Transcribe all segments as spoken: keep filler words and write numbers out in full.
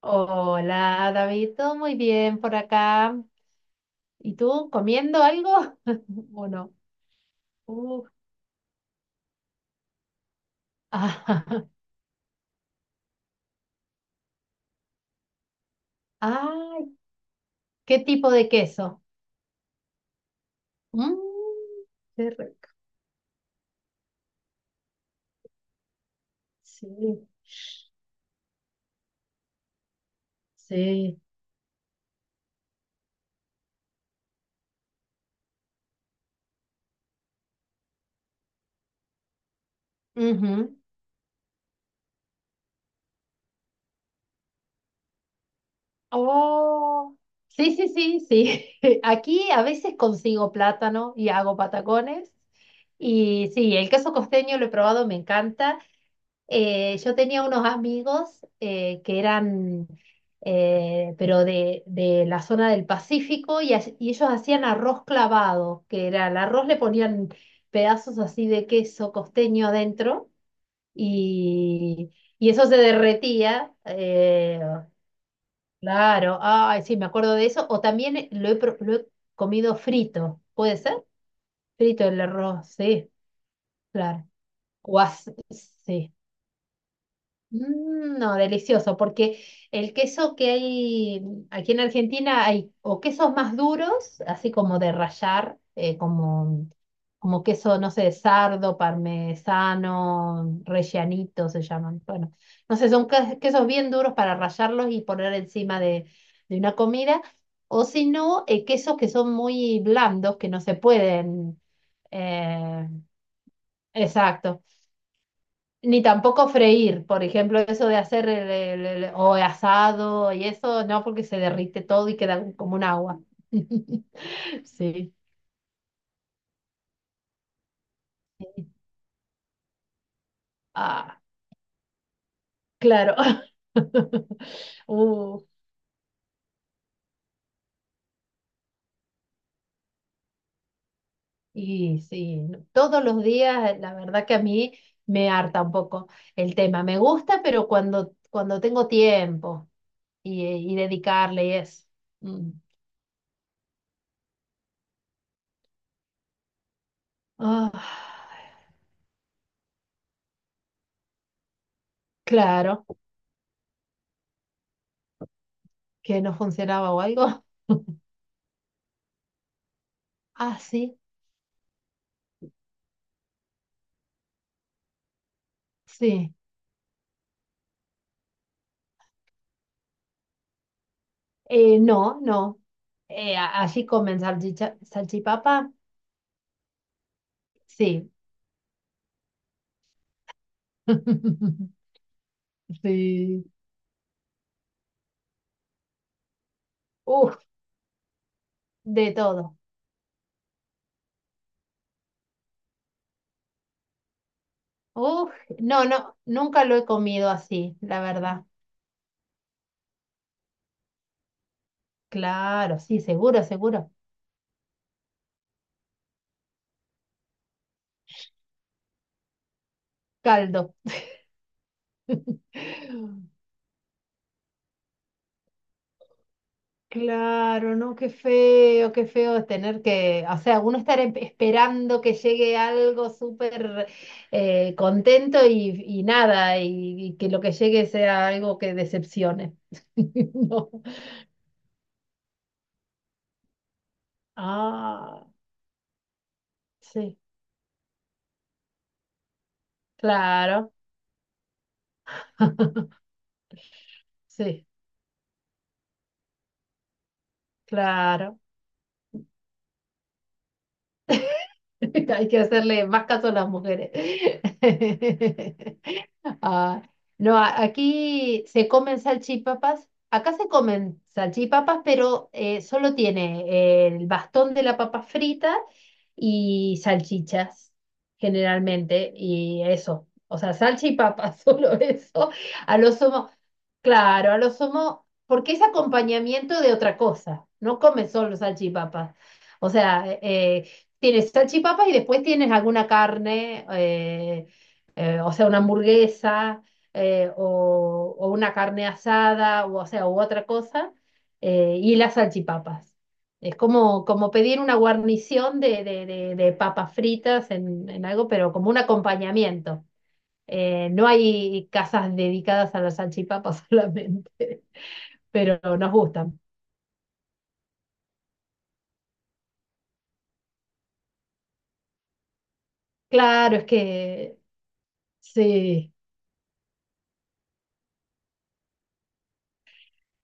Hola, David, todo muy bien por acá. ¿Y tú comiendo algo? ¿O no? Uh, ah, ay, ¿qué tipo de queso? Mm, qué rico. Sí, sí. Ujú. Oh, sí, sí, sí, sí. Aquí a veces consigo plátano y hago patacones. Y sí, el queso costeño lo he probado, me encanta. Eh, yo tenía unos amigos eh, que eran, eh, pero de, de la zona del Pacífico, y, as- y ellos hacían arroz clavado, que era el arroz, le ponían pedazos así de queso costeño adentro, y, y eso se derretía. Eh, claro, ay, sí, me acuerdo de eso. O también lo he, pro- lo he comido frito, ¿puede ser? Frito el arroz, sí, claro. O as- sí. Mm, No, delicioso, porque el queso que hay aquí en Argentina hay o quesos más duros, así como de rallar, eh, como, como queso, no sé, de sardo, parmesano, rellanito se llaman. Bueno, no sé, son que- quesos bien duros para rallarlos y poner encima de, de una comida, o si no, eh, quesos que son muy blandos, que no se pueden... eh, Exacto. Ni tampoco freír, por ejemplo, eso de hacer el, el- el- o asado y eso, no, porque se derrite todo y queda como un agua. Sí. Ah, claro. Uh, y sí, no- todos los días, la verdad que a mí me harta un poco el tema. Me gusta, pero cuando, cuando tengo tiempo y, y dedicarle y eso. Mm. Ah, claro, que no funcionaba o algo. Ah, sí. Sí, eh, no, no. Eh, a- así comen salchicha, salchipapa, sí. Sí. Uf, de todo. Uf, no, no, nunca lo he comido así, la verdad. Claro, sí, seguro, seguro. Caldo. Claro, no, qué feo, qué feo es tener que, o sea, uno estar em- esperando que llegue algo súper eh, contento y, y nada, y, y que lo que llegue sea algo que decepcione. No. Ah, sí, claro, sí, claro. Hay que hacerle más caso a las mujeres. Ah, no, a- aquí se comen salchipapas. Acá se comen salchipapas, pero eh, solo tiene el bastón de la papa frita y salchichas, generalmente, y eso. O sea, salchipapas, solo eso. A lo sumo, claro, a lo sumo, porque es acompañamiento de otra cosa. No come solo salchipapas. O sea, eh, tienes salchipapas y después tienes alguna carne, eh, eh, o sea, una hamburguesa eh, o, o una carne asada, o, o sea, u otra cosa, eh, y las salchipapas. Es como, como pedir una guarnición de, de- de- de papas fritas en, en algo, pero como un acompañamiento. Eh, no hay casas dedicadas a las salchipapas solamente, pero nos gustan. Claro, es que sí.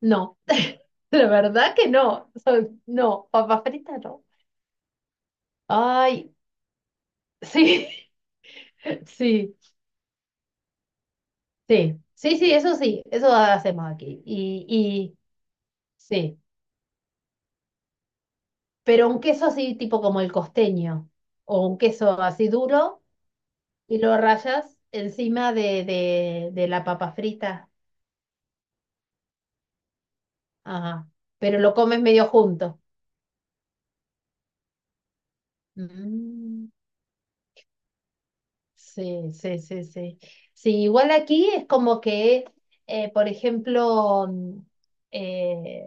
No, la verdad que no. Son- no, papa frita no. Ay, sí, sí, sí, sí, sí, eso sí, eso hacemos aquí. Y, y sí, pero un queso así tipo como el costeño, o un queso así duro y lo rayas encima de, de, de la papa frita. Ajá, pero lo comes medio junto. Mm. Sí, sí, sí, sí. Sí, igual aquí es como que, eh, por ejemplo, mm, eh,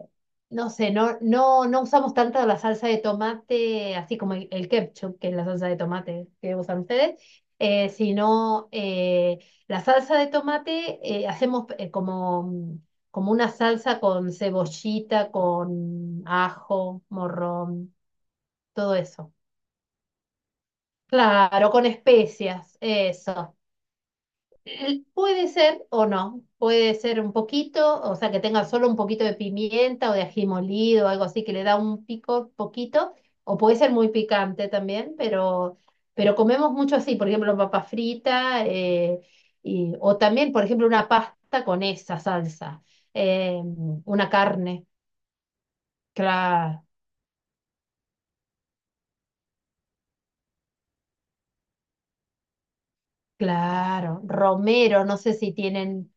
no sé, no, no, no usamos tanto la salsa de tomate, así como el, el ketchup, que es la salsa de tomate que usan ustedes, eh, sino eh, la salsa de tomate eh, hacemos eh, como, mm, como una salsa con cebollita, con ajo, morrón, todo eso. Claro, con especias, eso. Puede ser o no, puede ser un poquito, o sea, que tenga solo un poquito de pimienta o de ají molido, o algo así que le da un pico poquito, o puede ser muy picante también, pero, pero comemos mucho así, por ejemplo, papa frita, eh, y- o también, por ejemplo, una pasta con esa salsa, eh, una carne, claro, claro, romero, no sé si tienen,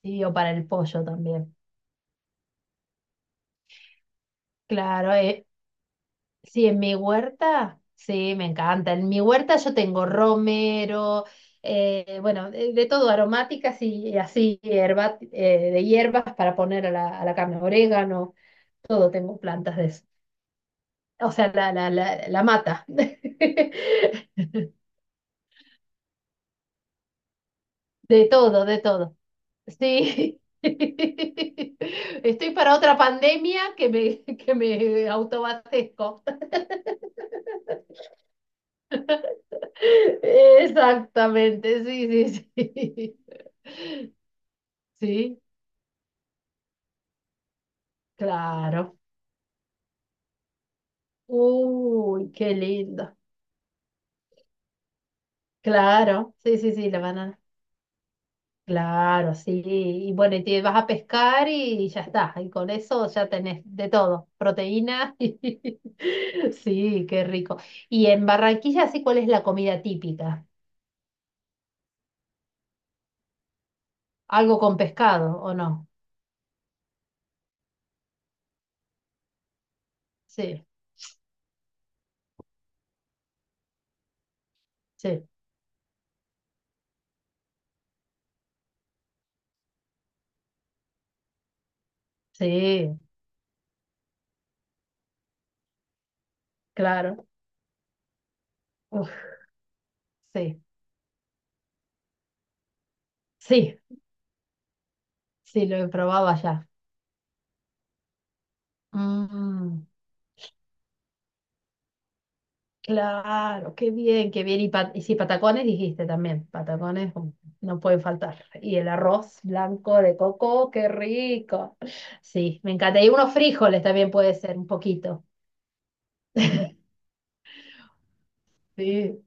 sí, o para el pollo también, claro, eh, sí, en mi huerta, sí, me encanta. En mi huerta yo tengo romero, eh, bueno, de, de todo, aromáticas y, y así, hierba, eh, de hierbas para poner a la, a la carne, orégano, todo, tengo plantas de eso. O sea, la, la, la, la mata. De todo, de todo. Sí. Estoy para otra pandemia que me, que me autoabastezco. Exactamente, sí, sí, sí. Sí. Claro. Uy, qué lindo. Claro. Sí, sí, sí, la banana. Claro, sí. Y bueno, y te vas a pescar y ya está. Y con eso ya tenés de todo. Proteína. Y... sí, qué rico. Y en Barranquilla, sí, ¿cuál es la comida típica? ¿Algo con pescado o no? Sí, sí, sí, claro. Uf, sí, sí, sí, lo he probado allá. Mm. Claro, qué bien, qué bien. Y, pa- y sí, patacones dijiste también, patacones um, no pueden faltar. Y el arroz blanco de coco, qué rico. Sí, me encanta. Y unos frijoles también puede ser un poquito. Sí,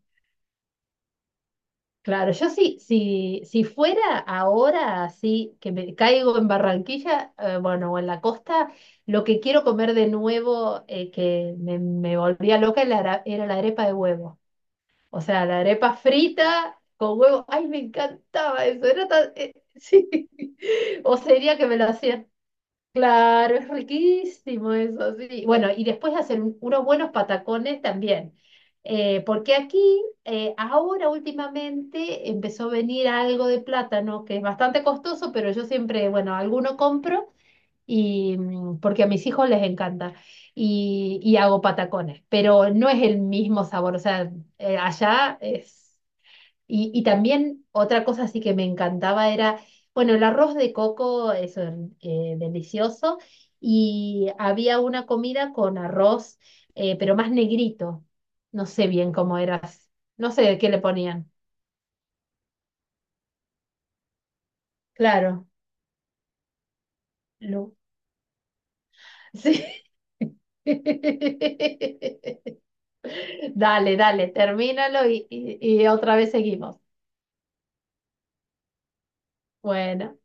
claro, yo sí, si, si fuera ahora así, que me caigo en Barranquilla, eh, bueno, o en la costa, lo que quiero comer de nuevo, eh, que me, me volvía loca, era, la era la arepa de huevo. O sea, la arepa frita con huevo. Ay, me encantaba eso. Era tan... eh, sí. O sería que me lo hacían. Claro, es riquísimo eso, sí. Bueno, y después hacer un- unos buenos patacones también. Eh, porque aquí, eh, ahora últimamente, empezó a venir algo de plátano, que es bastante costoso, pero yo siempre, bueno, alguno compro y mm, porque a mis hijos les encanta y, y hago patacones, pero no es el mismo sabor, o sea, eh, allá es... Y, y también otra cosa así que me encantaba era, bueno, el arroz de coco eso eh, delicioso y había una comida con arroz, eh, pero más negrito, no sé bien cómo era, no sé de qué le ponían, claro, Lu. Sí. Dale, dale, termínalo y, y y otra vez seguimos. Bueno.